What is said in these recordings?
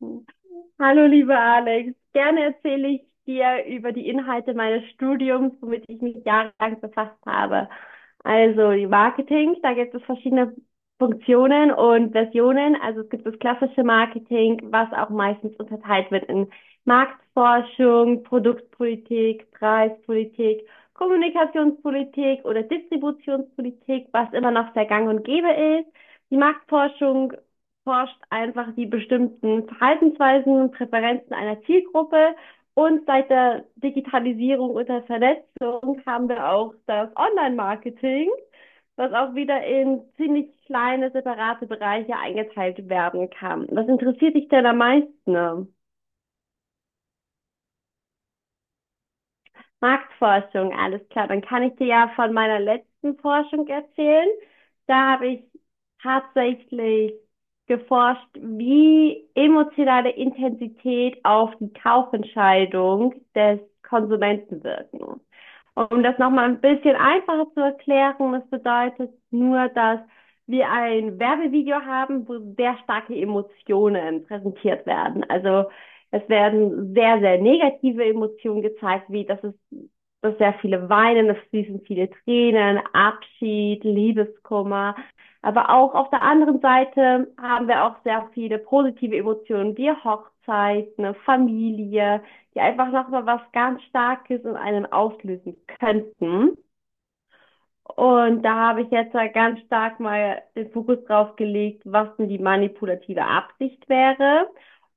Mhm. Hallo, lieber Alex. Gerne erzähle ich dir über die Inhalte meines Studiums, womit ich mich jahrelang befasst habe. Also die Marketing, da gibt es verschiedene Funktionen und Versionen. Also es gibt das klassische Marketing, was auch meistens unterteilt wird in Marktforschung, Produktpolitik, Preispolitik, Kommunikationspolitik oder Distributionspolitik, was immer noch sehr gang und gäbe ist. Die Marktforschung forscht einfach die bestimmten Verhaltensweisen, Präferenzen einer Zielgruppe. Und seit der Digitalisierung und der Vernetzung haben wir auch das Online-Marketing, was auch wieder in ziemlich kleine, separate Bereiche eingeteilt werden kann. Was interessiert dich denn am meisten? Marktforschung, alles klar. Dann kann ich dir ja von meiner letzten Forschung erzählen. Da habe ich tatsächlich geforscht, wie emotionale Intensität auf die Kaufentscheidung des Konsumenten wirken. Um das nochmal ein bisschen einfacher zu erklären, das bedeutet nur, dass wir ein Werbevideo haben, wo sehr starke Emotionen präsentiert werden. Also es werden sehr, sehr negative Emotionen gezeigt, wie dass sehr viele weinen, es fließen viele Tränen, Abschied, Liebeskummer. Aber auch auf der anderen Seite haben wir auch sehr viele positive Emotionen, wie Hochzeit, eine Familie, die einfach nochmal was ganz Starkes in einem auslösen könnten. Und da habe ich jetzt halt ganz stark mal den Fokus drauf gelegt, was denn die manipulative Absicht wäre.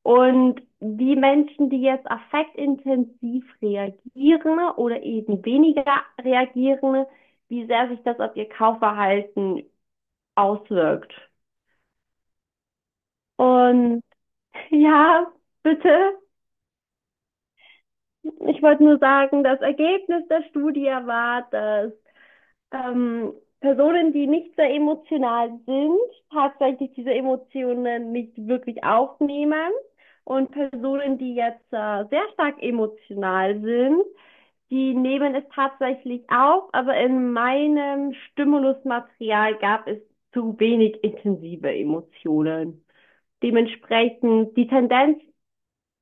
Und die Menschen, die jetzt affektintensiv reagieren oder eben weniger reagieren, wie sehr sich das auf ihr Kaufverhalten auswirkt. Und ja, bitte, ich wollte nur sagen, das Ergebnis der Studie war, dass ähm, Personen, die nicht sehr emotional sind, tatsächlich diese Emotionen nicht wirklich aufnehmen. Und Personen, die jetzt sehr stark emotional sind, die nehmen es tatsächlich auf, aber in meinem Stimulusmaterial gab es zu wenig intensive Emotionen. Dementsprechend, die Tendenz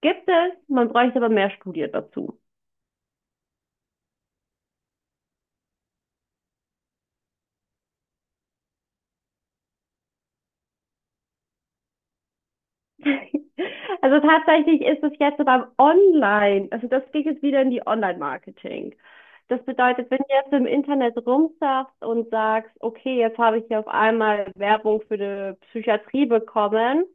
gibt es, man bräuchte aber mehr Studien dazu. Also tatsächlich ist es jetzt aber online. Also das geht jetzt wieder in die Online-Marketing. Das bedeutet, wenn du jetzt im Internet rumsurfst und sagst, okay, jetzt habe ich hier auf einmal Werbung für die Psychiatrie bekommen,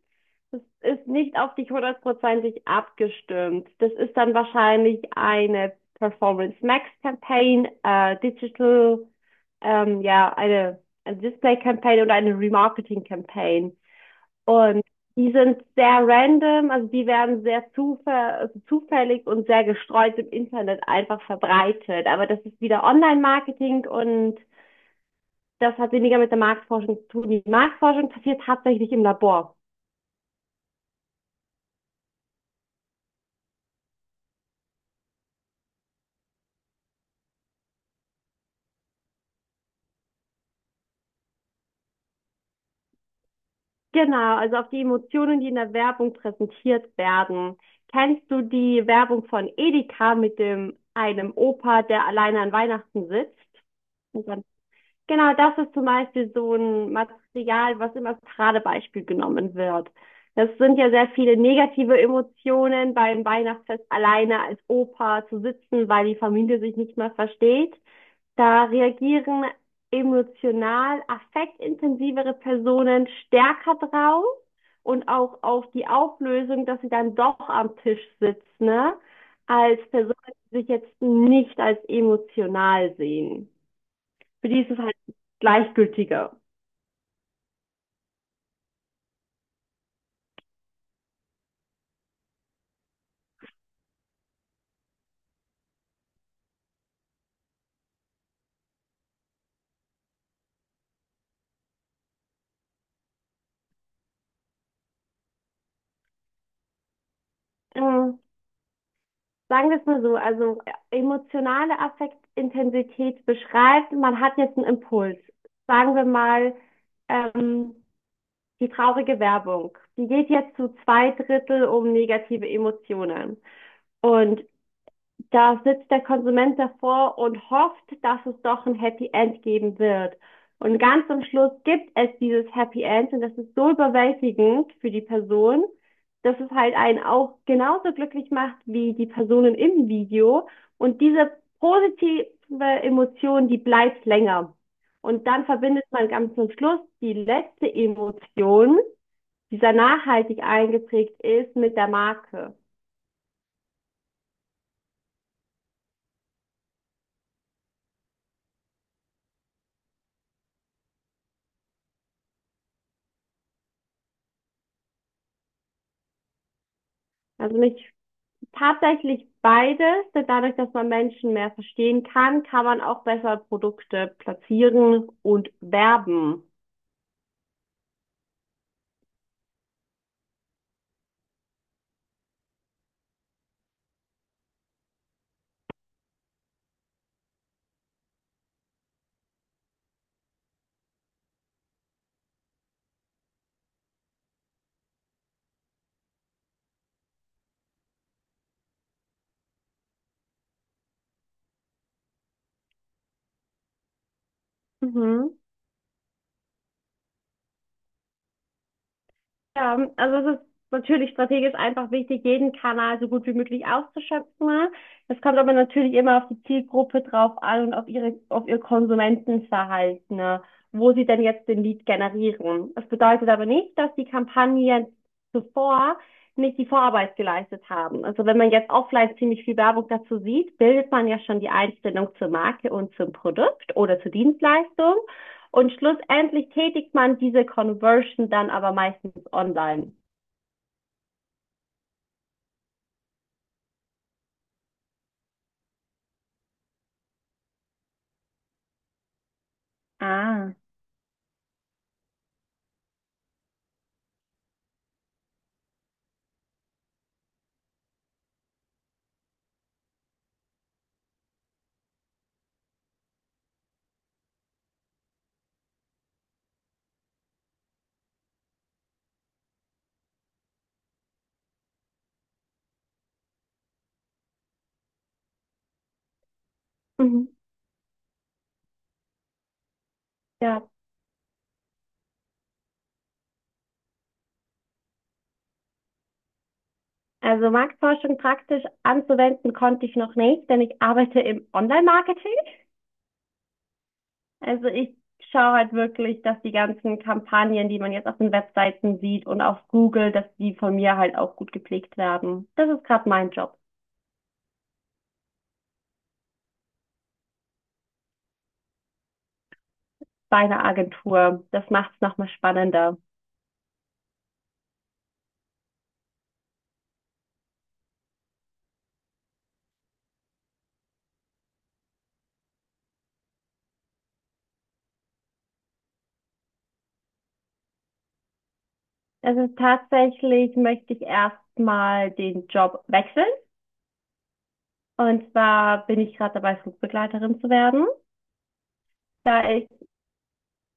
das ist nicht auf dich hundertprozentig abgestimmt. Das ist dann wahrscheinlich eine Performance Max Campaign, Digital, ja, eine Display Campaign oder eine Remarketing Campaign. Und die sind sehr random, also die werden also zufällig und sehr gestreut im Internet einfach verbreitet. Aber das ist wieder Online-Marketing und das hat weniger mit der Marktforschung zu tun. Die Marktforschung passiert tatsächlich im Labor. Genau, also auf die Emotionen, die in der Werbung präsentiert werden. Kennst du die Werbung von Edeka mit dem einem Opa, der alleine an Weihnachten sitzt? Und dann Genau, das ist zum Beispiel so ein Material, was immer als Paradebeispiel genommen wird. Das sind ja sehr viele negative Emotionen, beim Weihnachtsfest alleine als Opa zu sitzen, weil die Familie sich nicht mehr versteht. Da reagieren emotional affektintensivere Personen stärker drauf und auch auf die Auflösung, dass sie dann doch am Tisch sitzt, ne? Als Personen, die sich jetzt nicht als emotional sehen. Für die ist es halt gleichgültiger. Ähm, Sagen wir es mal so, also emotionale Affektintensität beschreibt, man hat jetzt einen Impuls. Sagen wir mal, ähm, die traurige Werbung. Die geht jetzt zu zwei Drittel um negative Emotionen. Und da sitzt der Konsument davor und hofft, dass es doch ein Happy End geben wird. Und ganz am Schluss gibt es dieses Happy End und das ist so überwältigend für die Person, dass es halt einen auch genauso glücklich macht wie die Personen im Video. Und diese positive Emotion, die bleibt länger. Und dann verbindet man ganz am Schluss die letzte Emotion, die sehr nachhaltig eingeprägt ist, mit der Marke. Also mich Tatsächlich beides, denn dadurch, dass man Menschen mehr verstehen kann, kann man auch besser Produkte platzieren und werben. Mhm. Ja, also es ist natürlich strategisch einfach wichtig, jeden Kanal so gut wie möglich auszuschöpfen, ne? Es kommt aber natürlich immer auf die Zielgruppe drauf an und auf auf ihr Konsumentenverhalten, ne? Wo sie denn jetzt den Lead generieren. Das bedeutet aber nicht, dass die Kampagnen zuvor nicht die Vorarbeit geleistet haben. Also wenn man jetzt offline ziemlich viel Werbung dazu sieht, bildet man ja schon die Einstellung zur Marke und zum Produkt oder zur Dienstleistung. Und schlussendlich tätigt man diese Conversion dann aber meistens online. Ah. Mhm. Ja. Also Marktforschung praktisch anzuwenden konnte ich noch nicht, denn ich arbeite im Online-Marketing. Also ich schaue halt wirklich, dass die ganzen Kampagnen, die man jetzt auf den Webseiten sieht und auf Google, dass die von mir halt auch gut gepflegt werden. Das ist gerade mein Job bei einer Agentur. Das macht es nochmal spannender. Also tatsächlich möchte ich erstmal den Job wechseln. Und zwar bin ich gerade dabei, Flugbegleiterin zu werden, da ich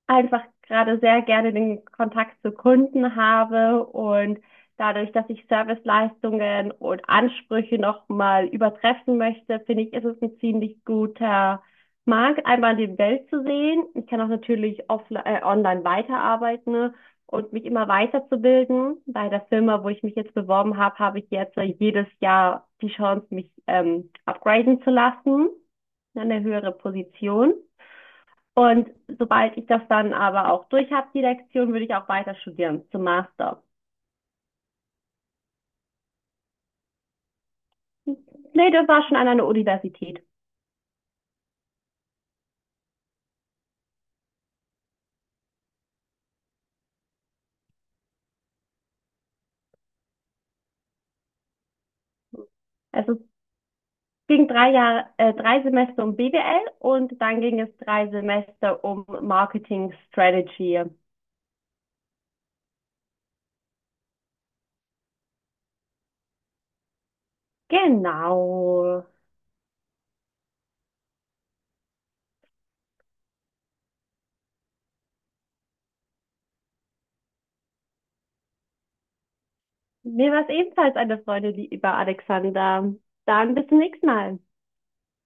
einfach gerade sehr gerne den Kontakt zu Kunden habe, und dadurch, dass ich Serviceleistungen und Ansprüche nochmal übertreffen möchte, finde ich, ist es ein ziemlich guter Markt, einmal die Welt zu sehen. Ich kann auch natürlich online weiterarbeiten, ne, und mich immer weiterzubilden. Bei der Firma, wo ich mich jetzt beworben habe, habe ich jetzt jedes Jahr die Chance, mich upgraden zu lassen, in eine höhere Position. Und sobald ich das dann aber auch durch habe, die Lektion, würde ich auch weiter studieren zum Master. Nee, das war schon an einer Universität. Also es ging drei Semester um BWL und dann ging es drei Semester um Marketing Strategy. Genau. Mir war es ebenfalls eine Freude, lieber Alexander. Dann bis zum nächsten Mal.